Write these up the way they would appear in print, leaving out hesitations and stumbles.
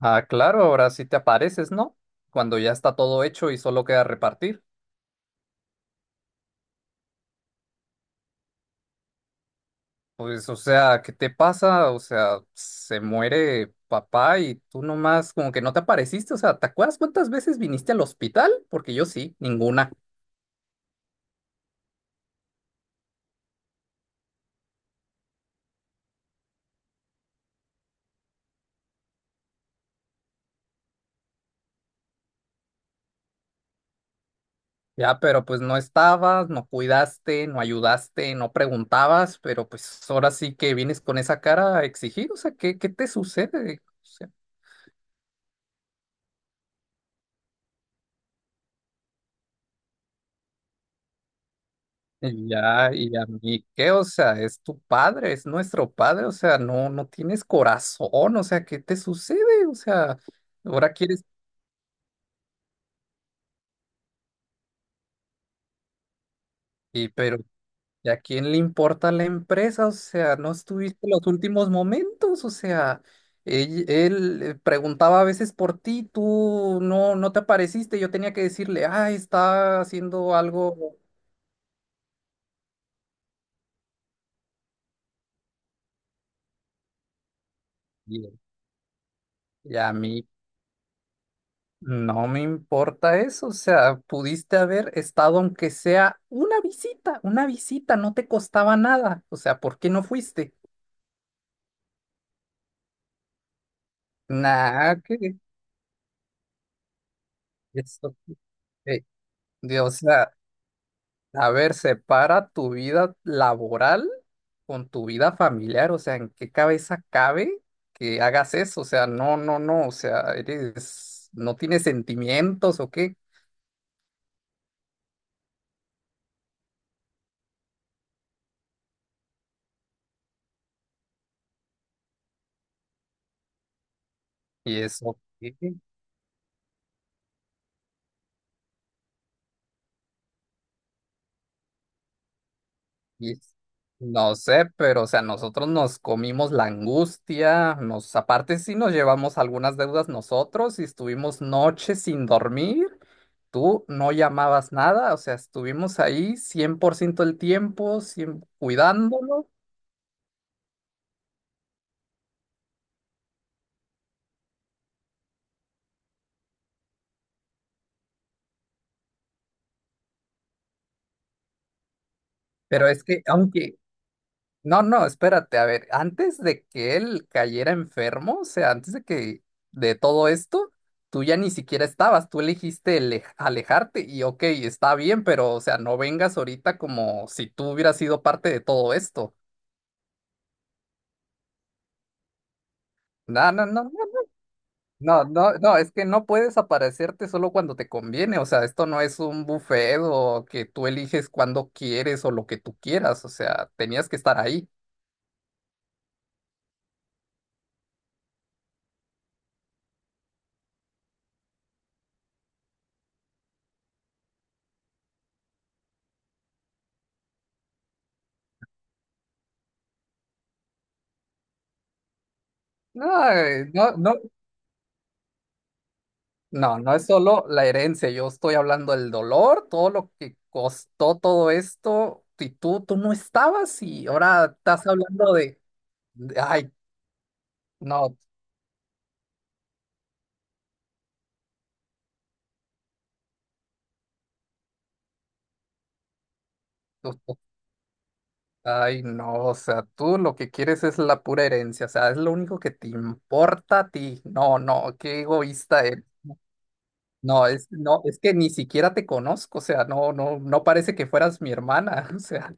Ah, claro, ahora sí te apareces, ¿no? Cuando ya está todo hecho y solo queda repartir. Pues, o sea, ¿qué te pasa? O sea, se muere papá y tú nomás como que no te apareciste. O sea, ¿te acuerdas cuántas veces viniste al hospital? Porque yo sí, ninguna. Ya, pero pues no estabas, no cuidaste, no ayudaste, no preguntabas, pero pues ahora sí que vienes con esa cara a exigir. O sea, ¿qué te sucede? O sea, ya, y a mí, ¿qué? O sea, es tu padre, es nuestro padre, o sea, no, no tienes corazón, o sea, ¿qué te sucede? O sea, ahora quieres, y pero ¿y a quién le importa la empresa? O sea, no estuviste en los últimos momentos, o sea, preguntaba a veces por ti, tú no, no te apareciste, yo tenía que decirle, ah, está haciendo algo, y, y a mí. No me importa eso, o sea, pudiste haber estado aunque sea una visita, no te costaba nada, o sea, ¿por qué no fuiste? Nah, que eso, eh, o sea, a ver, separa tu vida laboral con tu vida familiar, o sea, ¿en qué cabeza cabe que hagas eso? O sea, no, no, no, o sea, eres, no tienes sentimientos o qué, y eso, ¿qué? Y no sé, pero o sea, nosotros nos comimos la angustia, nos aparte sí nos llevamos algunas deudas nosotros y estuvimos noches sin dormir. Tú no llamabas nada, o sea, estuvimos ahí 100% el tiempo, 100 cuidándolo, pero es que aunque no, no, espérate, a ver, antes de que él cayera enfermo, o sea, antes de que de todo esto, tú ya ni siquiera estabas, tú elegiste alejarte y ok, está bien, pero o sea, no vengas ahorita como si tú hubieras sido parte de todo esto. No, no, no, no, no, no, no, es que no puedes aparecerte solo cuando te conviene, o sea, esto no es un buffet o que tú eliges cuando quieres o lo que tú quieras, o sea, tenías que estar ahí. No, no, no. No, no es solo la herencia, yo estoy hablando del dolor, todo lo que costó todo esto, y tú no estabas y ahora estás hablando de, ay, no, tú- tú- ay, no, o sea, tú lo que quieres es la pura herencia, o sea, es lo único que te importa a ti, no, no, qué egoísta eres. No, es, no, es que ni siquiera te conozco, o sea, no, no, no parece que fueras mi hermana, o sea.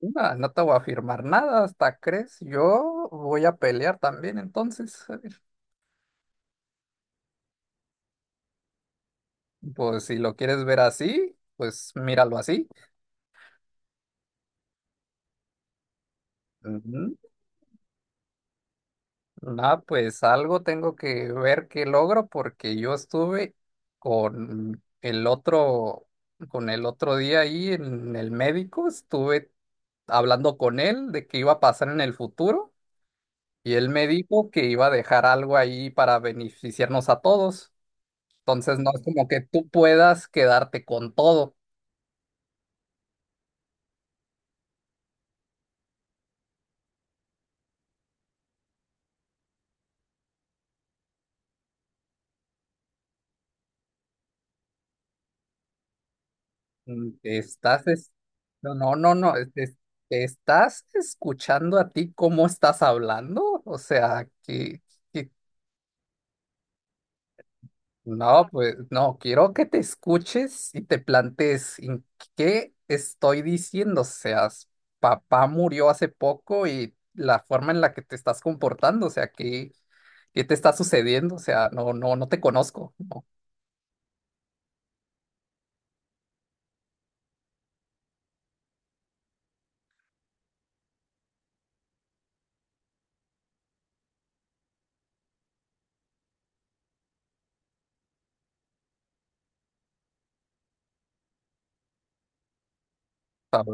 No, no te voy a firmar nada, hasta crees. Yo voy a pelear también, entonces. Pues si lo quieres ver así, pues míralo así. Ujú. Nah, pues algo tengo que ver qué logro porque yo estuve con el otro, con el otro día ahí en el médico, estuve hablando con él de qué iba a pasar en el futuro y él me dijo que iba a dejar algo ahí para beneficiarnos a todos. Entonces no es como que tú puedas quedarte con todo. Mm. Estás, es- no, no, no, no, te estás escuchando a ti cómo estás hablando, o sea, que- no, pues, no, quiero que te escuches y te plantees en qué estoy diciendo, o sea, papá murió hace poco y la forma en la que te estás comportando, o sea, qué, te está sucediendo, o sea, no, no, no te conozco, no.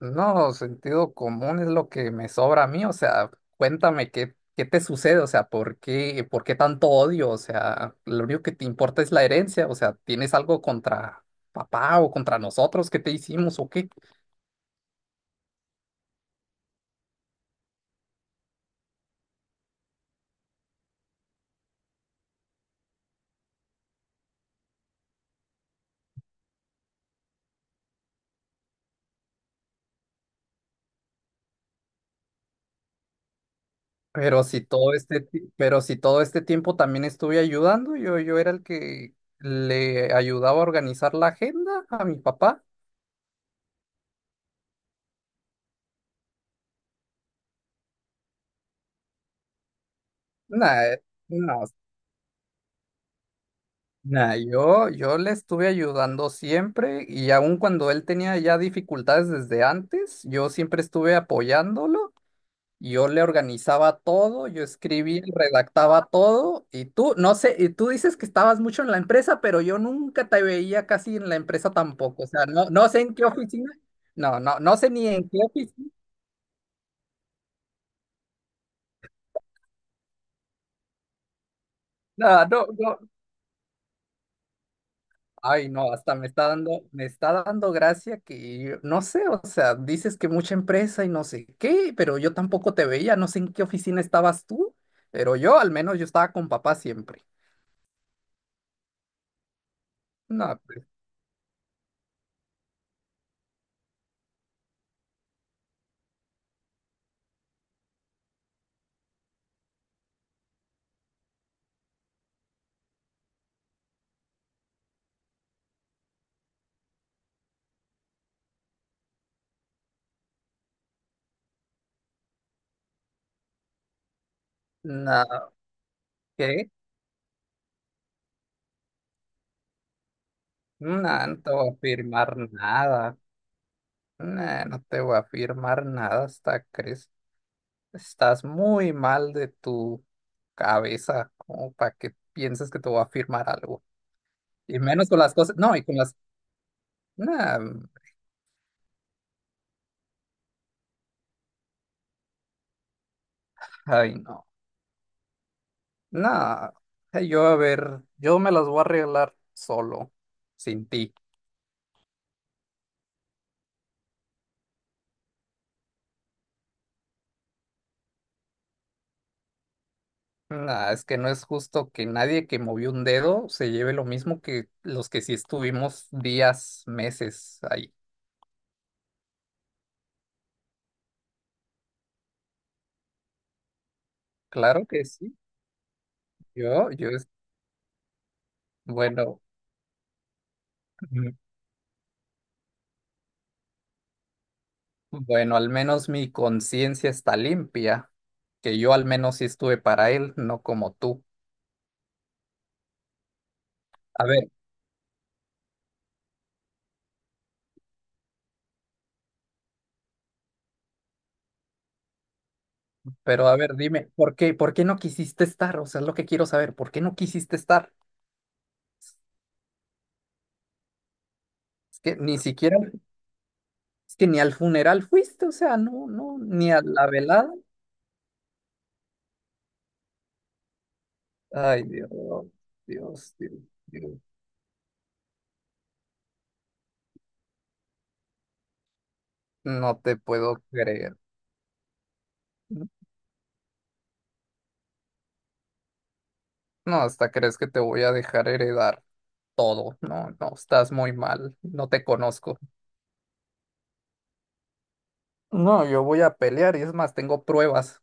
No, sentido común es lo que me sobra a mí, o sea, cuéntame qué te sucede, o sea, ¿por qué, tanto odio? O sea, lo único que te importa es la herencia, o sea, ¿tienes algo contra papá o contra nosotros que te hicimos o qué? Pero si pero si todo este tiempo también estuve ayudando, yo era el que le ayudaba a organizar la agenda a mi papá. Nah, no. Nah, yo le estuve ayudando siempre y aun cuando él tenía ya dificultades desde antes, yo siempre estuve apoyándolo. Yo le organizaba todo, yo escribía, y redactaba todo y tú, no sé, y tú dices que estabas mucho en la empresa, pero yo nunca te veía casi en la empresa tampoco. O sea, no, no sé en qué oficina, no, no, no sé ni en qué oficina, no, no. Ay, no, hasta me está dando gracia que no sé, o sea, dices que mucha empresa y no sé qué, pero yo tampoco te veía, no sé en qué oficina estabas tú, pero yo al menos yo estaba con papá siempre. No, pues, no, ¿qué? No, no te voy a firmar nada. No, no te voy a firmar nada hasta crees. Estás muy mal de tu cabeza, como para que pienses que te voy a firmar algo. Y menos con las cosas, no, y con no, ay, no. Nah, yo a ver, yo me las voy a arreglar solo, sin ti. Nah, es que no es justo que nadie que movió un dedo se lleve lo mismo que los que sí estuvimos días, meses ahí. Claro que sí. Yo, yo es, bueno, mm, bueno, al menos mi conciencia está limpia, que yo al menos sí estuve para él, no como tú. A ver, pero a ver, dime, ¿por qué, no quisiste estar? O sea, es lo que quiero saber, ¿por qué no quisiste estar? Es que ni siquiera Es que ni al funeral fuiste, o sea, no, no, ni a la velada. Ay, Dios, Dios, Dios, Dios. No te puedo creer. No, hasta crees que te voy a dejar heredar todo. No, no, estás muy mal. No te conozco. No, yo voy a pelear y es más, tengo pruebas.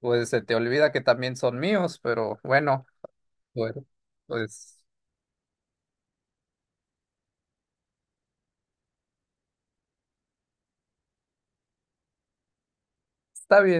Pues se te olvida que también son míos, pero bueno, bueno, pues está bien.